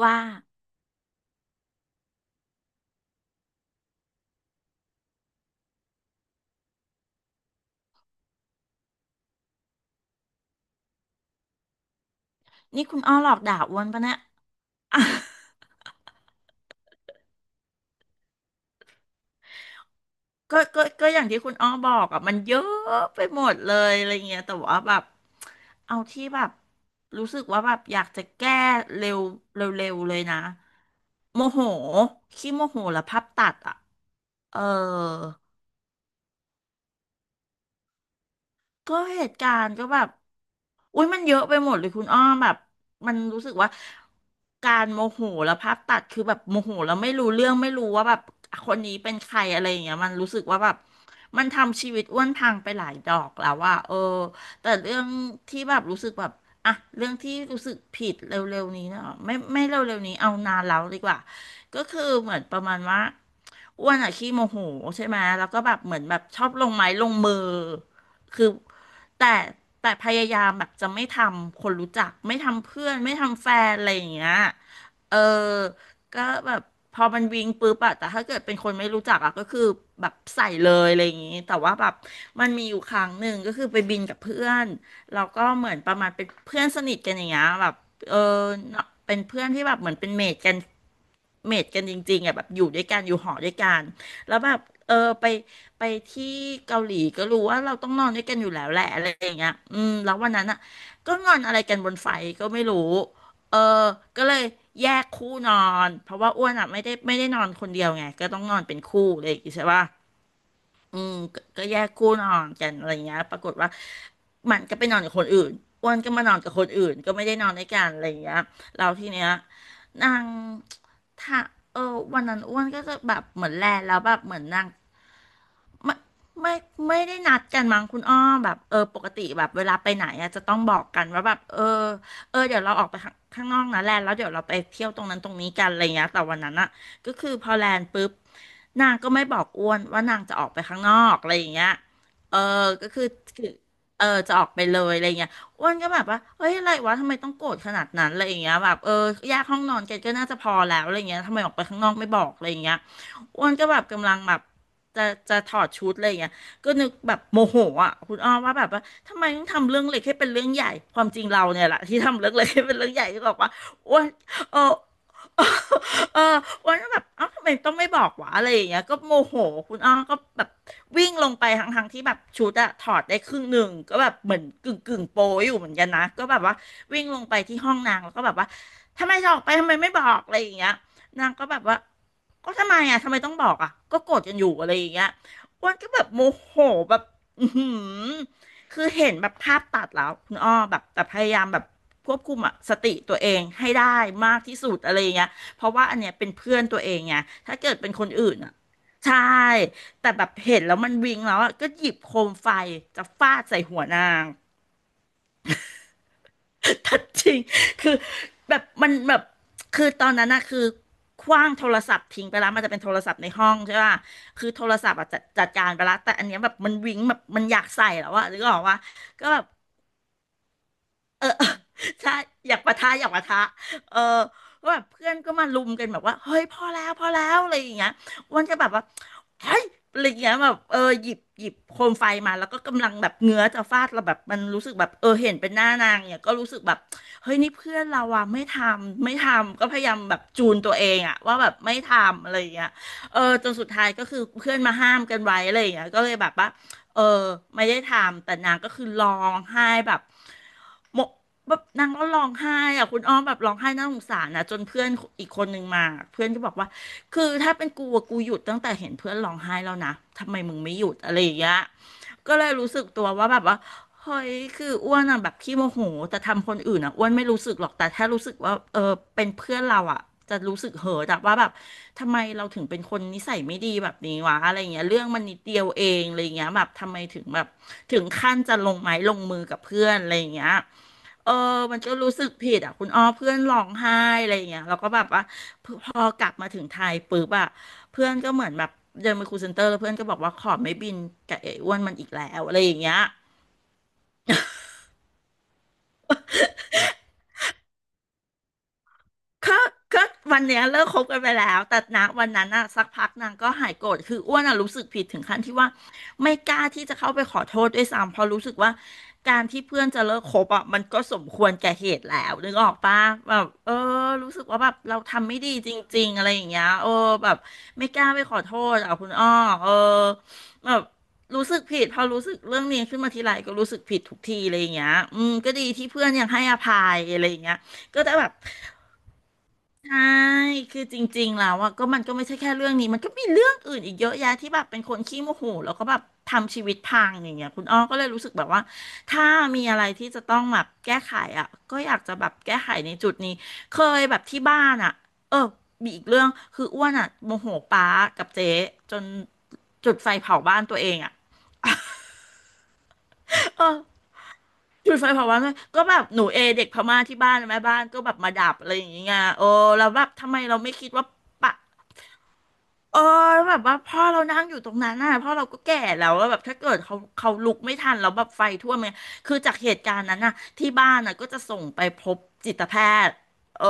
ว่านี่คุณอ้อหลอกด่าอ้วนปะเนี่ยอ่ะ ก็อย่างที่คุณอ้อบอกอ่ะมันเยอะไปหมดเลยอะไรเงี้ยแต่ว่าแบบเอาที่แบบรู้สึกว่าแบบอยากจะแก้เร็วเร็วเร็วเลยนะโมโหขี้โมโหแล้วภาพตัดอ่ะเออ ก็เหตุการณ์ก็แบบอุ้ยมันเยอะไปหมดเลยคุณอ้อมแบบมันรู้สึกว่าการโมโหแล้วภาพตัดคือแบบโมโหแล้วไม่รู้เรื่องไม่รู้ว่าแบบคนนี้เป็นใครอะไรอย่างเงี้ยมันรู้สึกว่าแบบมันทำชีวิตอ้วนพังไปหลายดอกแล้วว่าเออแต่เรื่องที่แบบรู้สึกแบบอ่ะเรื่องที่รู้สึกผิดเร็วๆนี้เนาะไม่เร็วๆนี้เอานานแล้วดีกว่าก็คือเหมือนประมาณว่า อ้วนอะขี้โมโหใช่ไหมแล้วก็แบบเหมือนแบบชอบลงไม้ลงมือคือแต่แต่พยายามแบบจะไม่ทำคนรู้จักไม่ทำเพื่อนไม่ทำแฟนอะไรอย่างเงี้ยเออก็แบบพอมันวิ่งปุ๊บอะแต่ถ้าเกิดเป็นคนไม่รู้จักอะก็คือแบบใส่เลยอะไรอย่างงี้แต่ว่าแบบมันมีอยู่ครั้งหนึ่งก็คือไปบินกับเพื่อนแล้าก็เหมือนประมาณเป็นเพื่อนสนิทกันอย่างเงี้ยแบบเออเป็นเพื่อนที่แบบเหมือนเป็นเมทกัน เมทกันจริงๆอ่ะแบบอยู่ด้วยกันอยู่หอด้วยกันแล้วแบบเออไปไปที่เกาหลีก็รู้ว่าเราต้องนอนด้วยกันอยู่แล้วแหละอะไรอย่างเงี้ยอืมแล้ววันนั้นอ่ะก็งอนอะไรกันบนไฟก็ไม่รู้เออก็เลยแยกคู่นอนเพราะว่าอ้วนอ่ะไม่ได้นอนคนเดียวไงก็ต้องนอนเป็นคู่เลยางงี้ใช่ป่ะ อืมก็แยกคู่นอนกันอะไรเงี้ยปรากฏว่ามันก็ไปนอนกับคนอื่นอ้วนก็มานอนกับคนอื่นก็ไม่ได้นอนด้วยกันอะไรเงี้ยเราทีเนี้ยนางถ้าเออวันนั้นอ้วนก็จะแบบเหมือนแลแล้วแบบเหมือนนาง ไม่ไม่ไม่ได้นัดกันมั้งคุณอ้อแบบเออปกติแบบเวลาไปไหนอะจะต้องบอกกันว่าแบบเออเดี๋ยวเราออกไปข้างนอกนะแลนแล้วเดี๋ยวเราไปเที่ยวตรงนั้นตรงนี้กันอะไรเงี้ยแต่วันนั้นอะก็คือพอแลนปุ๊บนางก็ไม่บอกอ้วนว่านางจะออกไปข้างนอกอะไรอย่างเงี้ยเออก็คือคือเออจะออกไปเลยอะไรเงี้ยอ้วนก็แบบว่าเฮ้ยอะไรวะทำไมต้องโกรธขนาดนั้นอะไรอย่างเงี้ยแบบเออแยกห้องนอนกันก็น่าจะพอแล้วอะไรเงี้ยทำไมออกไปข้างนอกไม่บอกอะไรอย่างเงี้ยอ้วนก็แบบกำลังแบบ จะถอดชุดอะไรอย่างเงี้ยก็นึกแบบโมโหอ่ะคุณอ้อมว่าแบบว่าทำไมต้องทำเรื่องเล็กให้เป็นเรื่องใหญ่ความจริงเราเนี่ยแหละที่ทำเรื่องเล็กให้เป็นเรื่องใหญ่ที่บอกว่าอ้วนเออเอออ้วนก็แบบเอ้าทำไมต้องไม่บอกวะอะไรอย่างเงี้ยก็โมโหคุณอ้อก็แบบวิ่งลงไปทั้งที่แบบชุดอะถอดได้ครึ่งหนึ่งก็แบบเหมือนกึ่งโปยอยู่เหมือนกันนะก็แบบว่าวิ่งลงไปที่ห้องนางแล้วก็แบบว่าทำไมจะออกไปทำไมไม่บอกอะไรอย่างเงี้ย นางก็แบบว่าก็ทำไมอ่ะทำไมต้องบอกอ่ะก็โกรธกันอยู่อะไรอย่างเงี้ยอ้วนก็แบบโมโหแบบอือหือคือเห็นแบบภาพตัดแล้วคุณอ้อแบบแต่พยายามแบบควบคุมอะสติตัวเองให้ได้มากที่สุดอะไรอย่างเงี้ยเพราะว่าอันเนี้ยเป็นเพื่อนตัวเองไงถ้าเกิดเป็นคนอื่นอ่ะใช่แต่แบบเห็นแล้วมันวิงแล้วอะก็หยิบโคมไฟจะฟาดใส่หัวนาง ทัดจริงคือแบบมันแบบคือตอนนั้นนะคือขว้างโทรศัพท์ทิ้งไปแล้วมันจะเป็นโทรศัพท์ในห้องใช่ป่ะคือโทรศัพท์อะจัดการไปแล้วแต่อันเนี้ยแบบมันวิ้งแบบมันอยากใส่แล้วอะหรือก็บอกว่าก็แบบ เออ ใช่อยากปะทะอยากปะทะเออก็แบบเพื่อนก็มาลุมกันแบบว่าเฮ้ยพอแล้วพอแล้วอะไรอย่างเงี้ยอ้วนก็แบบว่าเฮ้ยอะไรอย่างเงี้ยแบบเออหยิบโคมไฟมาแล้วก็กำลังแบบเงื้อจะฟาดเราแบบมันรู้สึกแบบเออเห็นเป็นหน้านางเนี่ยก็รู้สึกแบบเฮ้ยนี่เพื่อนเราอะไม่ทำก็พยายามแบบจูนตัวเองอะว่าแบบไม่ทำอะไรอย่างเงี้ยเออจนสุดท้ายก็คือเพื่อนมาห้ามกันไว้อะไรอย่างเงี้ยก็เลยแบบว่า เออไม่ได้ทำแต่นางก็คือร้องไห้แบบหมกแบบนางก็ร้องไห้อะคุณอ้อมแบบร้องไห้น่าสงสารนะจนเพื่อนอีกคนหนึงมาเพื่อนก็บอกว่าคือถ้าเป็นกูอะกูหยุดตั้งแต่เห็นเพื่อนร้องไห้แล้วนะทำไมมึงไม่หยุดอะไรอย่างเงี้ยก็เลยรู้สึกตัวว่าแบบว่าเฮ้ยคืออ้วนอะแบบขี้โมโหแต่ทำคนอื่นอะอ้วนไม่รู้สึกหรอกแต่ถ้ารู้สึกว่าเออเป็นเพื่อนเราอะจะรู้สึกเหิดอะว่าแบบ ทำไมเราถึงเป็นคนนิสัยไม่ดีแบบนี้วะอะไรเงี้ยเรื่องมันนิดเดียวเองอะไรเงี้ยแบบทำไมถึงแบบถึงขั้นจะลงไม้ลงมือกับเพื่อนอะไรเงี้ยเออมันก็รู้สึกผิดอ่ะคุณอ้อเพื่อนร้องไห้อะไรเงี้ยเราก็แบบว่าพอกลับมาถึงไทยปุ๊บอ่ะเพื่อนก็เหมือนแบบเดินไปคูลเซ็นเตอร์แล้วเพื่อนก็บอกว่าขอไม่บินกับไอ้อ้วนมันอีกแล้วอะไรอย่างเงี้ย ก็ก็วันเนี้ยเลิกคบกันไปแล้วแต่นะวันนั้นอะสักพักนางก็หายโกรธคืออ้วนอะรู้สึกผิดถึงขั้นที่ว่าไม่กล้าที่จะเข้าไปขอโทษด้วยซ้ำเพราะรู้สึกว่าการที่เพื่อนจะเลิกคบอะมันก็สมควรแก่เหตุแล้วนึกออกปะแบบเออรู้สึกว่าแบบเราทำไม่ดีจริงๆอะไรอย่างเงี้ยเออแบบไม่กล้าไปขอโทษอะคุณอ้อเออแบบรู้สึกผิดพอรู้สึกเรื่องนี้ขึ้นมาทีไรก็รู้สึกผิดทุกทีอะไรอย่างเงี้ยอืมก็ดีที่เพื่อนยังให้อภัยอะไรอย่างเงี้ยก็จะแบบ ใช่ คือจริงๆแล้วอะก็มันก็ไม่ใช่แค่เรื่องนี้ มันก็มีเรื่องอื่นอีกเยอะแยะที่แบบเป็นคนขี้โมโหแล้วก็แบบทำชีวิตพังอย่างเงี้ยคุณอ้อก็เลยรู้สึกแบบว่าถ้ามีอะไรที่จะต้องแบบแก้ไขอะก็อยากจะแบบแก้ไขในจุดนี้เคยแบบที่บ้านอะเออมีอีกเรื่อง คืออ้วนอะโมโหป๊ากับเจ๊จนจุดไฟเผาบ้านตัวเองอะเออจุดไฟเผาบ้านตัวเองก็แบบหนูเอเด็กพม่าที่บ้านแม่บ้านก็แบบมาดับอะไรอย่างเงี้ยโอ้แล้วแบบทำไมเราไม่คิดว่าปะ เออแบบว่าพ่อเรานั่งอยู่ตรงนั้นน่ะพ่อเราก็แก่แล้วแล้วแบบถ้าเกิดเขาลุกไม่ทันแล้วแบบไฟท่วมเนี่ยคือจากเหตุการณ์นั้นน่ะที่บ้านน่ะก็จะส่งไปพบจิตแพทย์เออ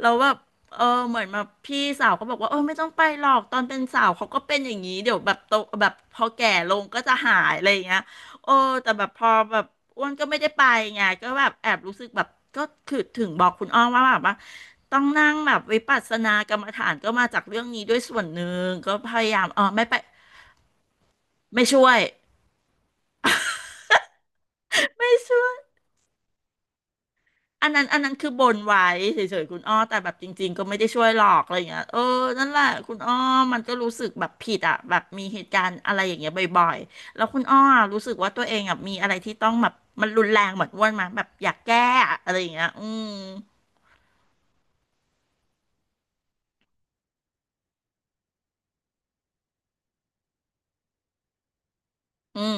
แล้วแบบเออเหมือนมาพี่สาวก็บอกว่าเออไม่ต้องไปหรอกตอนเป็นสาวเขาก็เป็นอย่างนี้เดี๋ยวแบบโตแบบพอแก่ลงก็จะหายอะไรอย่างเงี้ย โอ้แต่แบบพอแบบอ้วนก็ไม่ได้ไปไงก็แบบแอบรู้สึกแบบก็คือถึงบอกคุณอ้อมว่าแบบว่าต้องนั่งแบบวิปัสสนากรรมฐานก็มาจากเรื่องนี้ด้วยส่วนหนึ่งก็พยายามอ๋อไม่ไปไม่ช่วยอันนั้นคือบนไว้เฉยๆคุณอ้อแต่แบบจริงๆก็ไม่ได้ช่วยหรอกอะไรอย่างเงี้ยเออนั่นแหละคุณอ้อมันก็รู้สึกแบบผิดอ่ะแบบมีเหตุการณ์อะไรอย่างเงี้ยบ่อยๆแล้วคุณอ้อรู้สึกว่าตัวเองอ่ะมีอะไรที่ต้องแบบมันรุนแรงเหมือนอ้วนมาแบบอยากแก้อะอะไรอย่างเงี้ยอืมอืม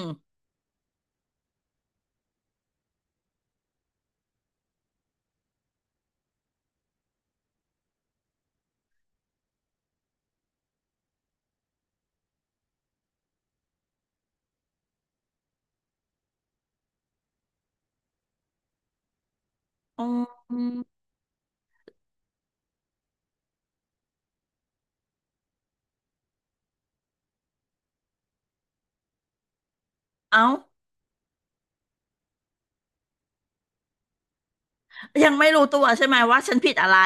อืมเอ้ายังไม่รู้ตัวใช่ไหมว่าฉันผิดอะไร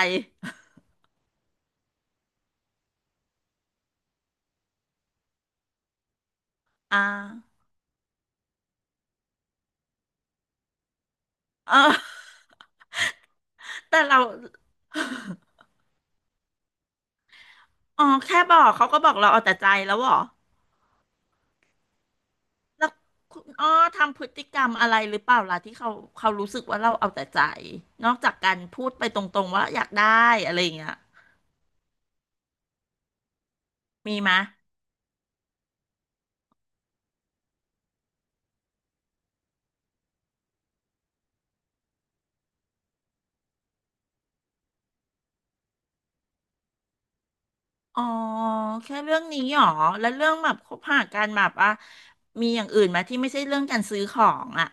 อ่าเออแต่เราอ๋อแค่บอกเขาก็บอกเราเอาแต่ใจแล้วเหรอแล้วคุณอ้อทำพฤติกรรมอะไรหรือเปล่าล่ะที่เขาเขารู้สึกว่าเราเอาแต่ใจ นอกจากการพูดไปตรงๆว่าอยากได้อะไรอย่างเงี้ยมีไหมยอ๋อแค่เรื่องนี้หรอแล้วเรื่องแบบคบหากันแบบอ่ะมีอย่างอื่นไหมที่ไม่ใช่เรื่องการซื้อของอ่ะ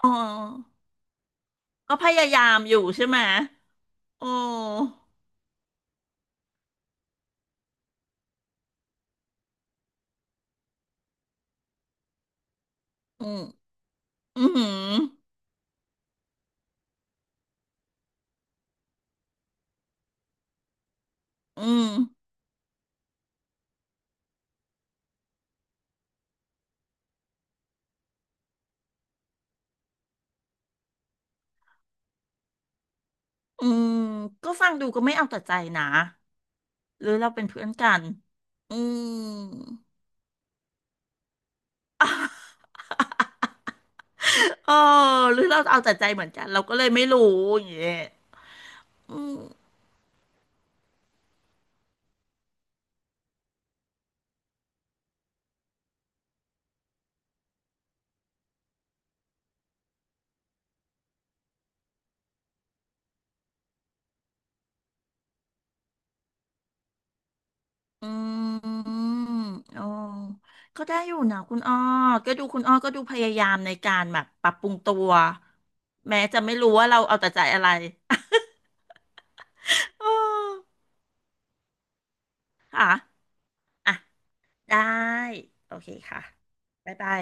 อ๋อก็พยายามอยู่ใช่ไหมยโอ้ อืมอืมอืมอืมก็ฟังดูก็ไม่เอาแต่ใจนะหรือเราเป็นเพื่อนกันอืมเออหรือเราเอาแต่ใจเหมือนกันเราก็เลยไม่รู้อย่างเงี้ยอืมอืมอ๋อก็ได้อยู่นะคุณอ้อก็ดูคุณอ้อก็ดูพยายามในการแบบปรับปรุงตัวแม้จะไม่รู้ว่าเราเอาแต่ใจอะไร อออค่ะอ่ะได้โอเคค่ะบ๊ายบาย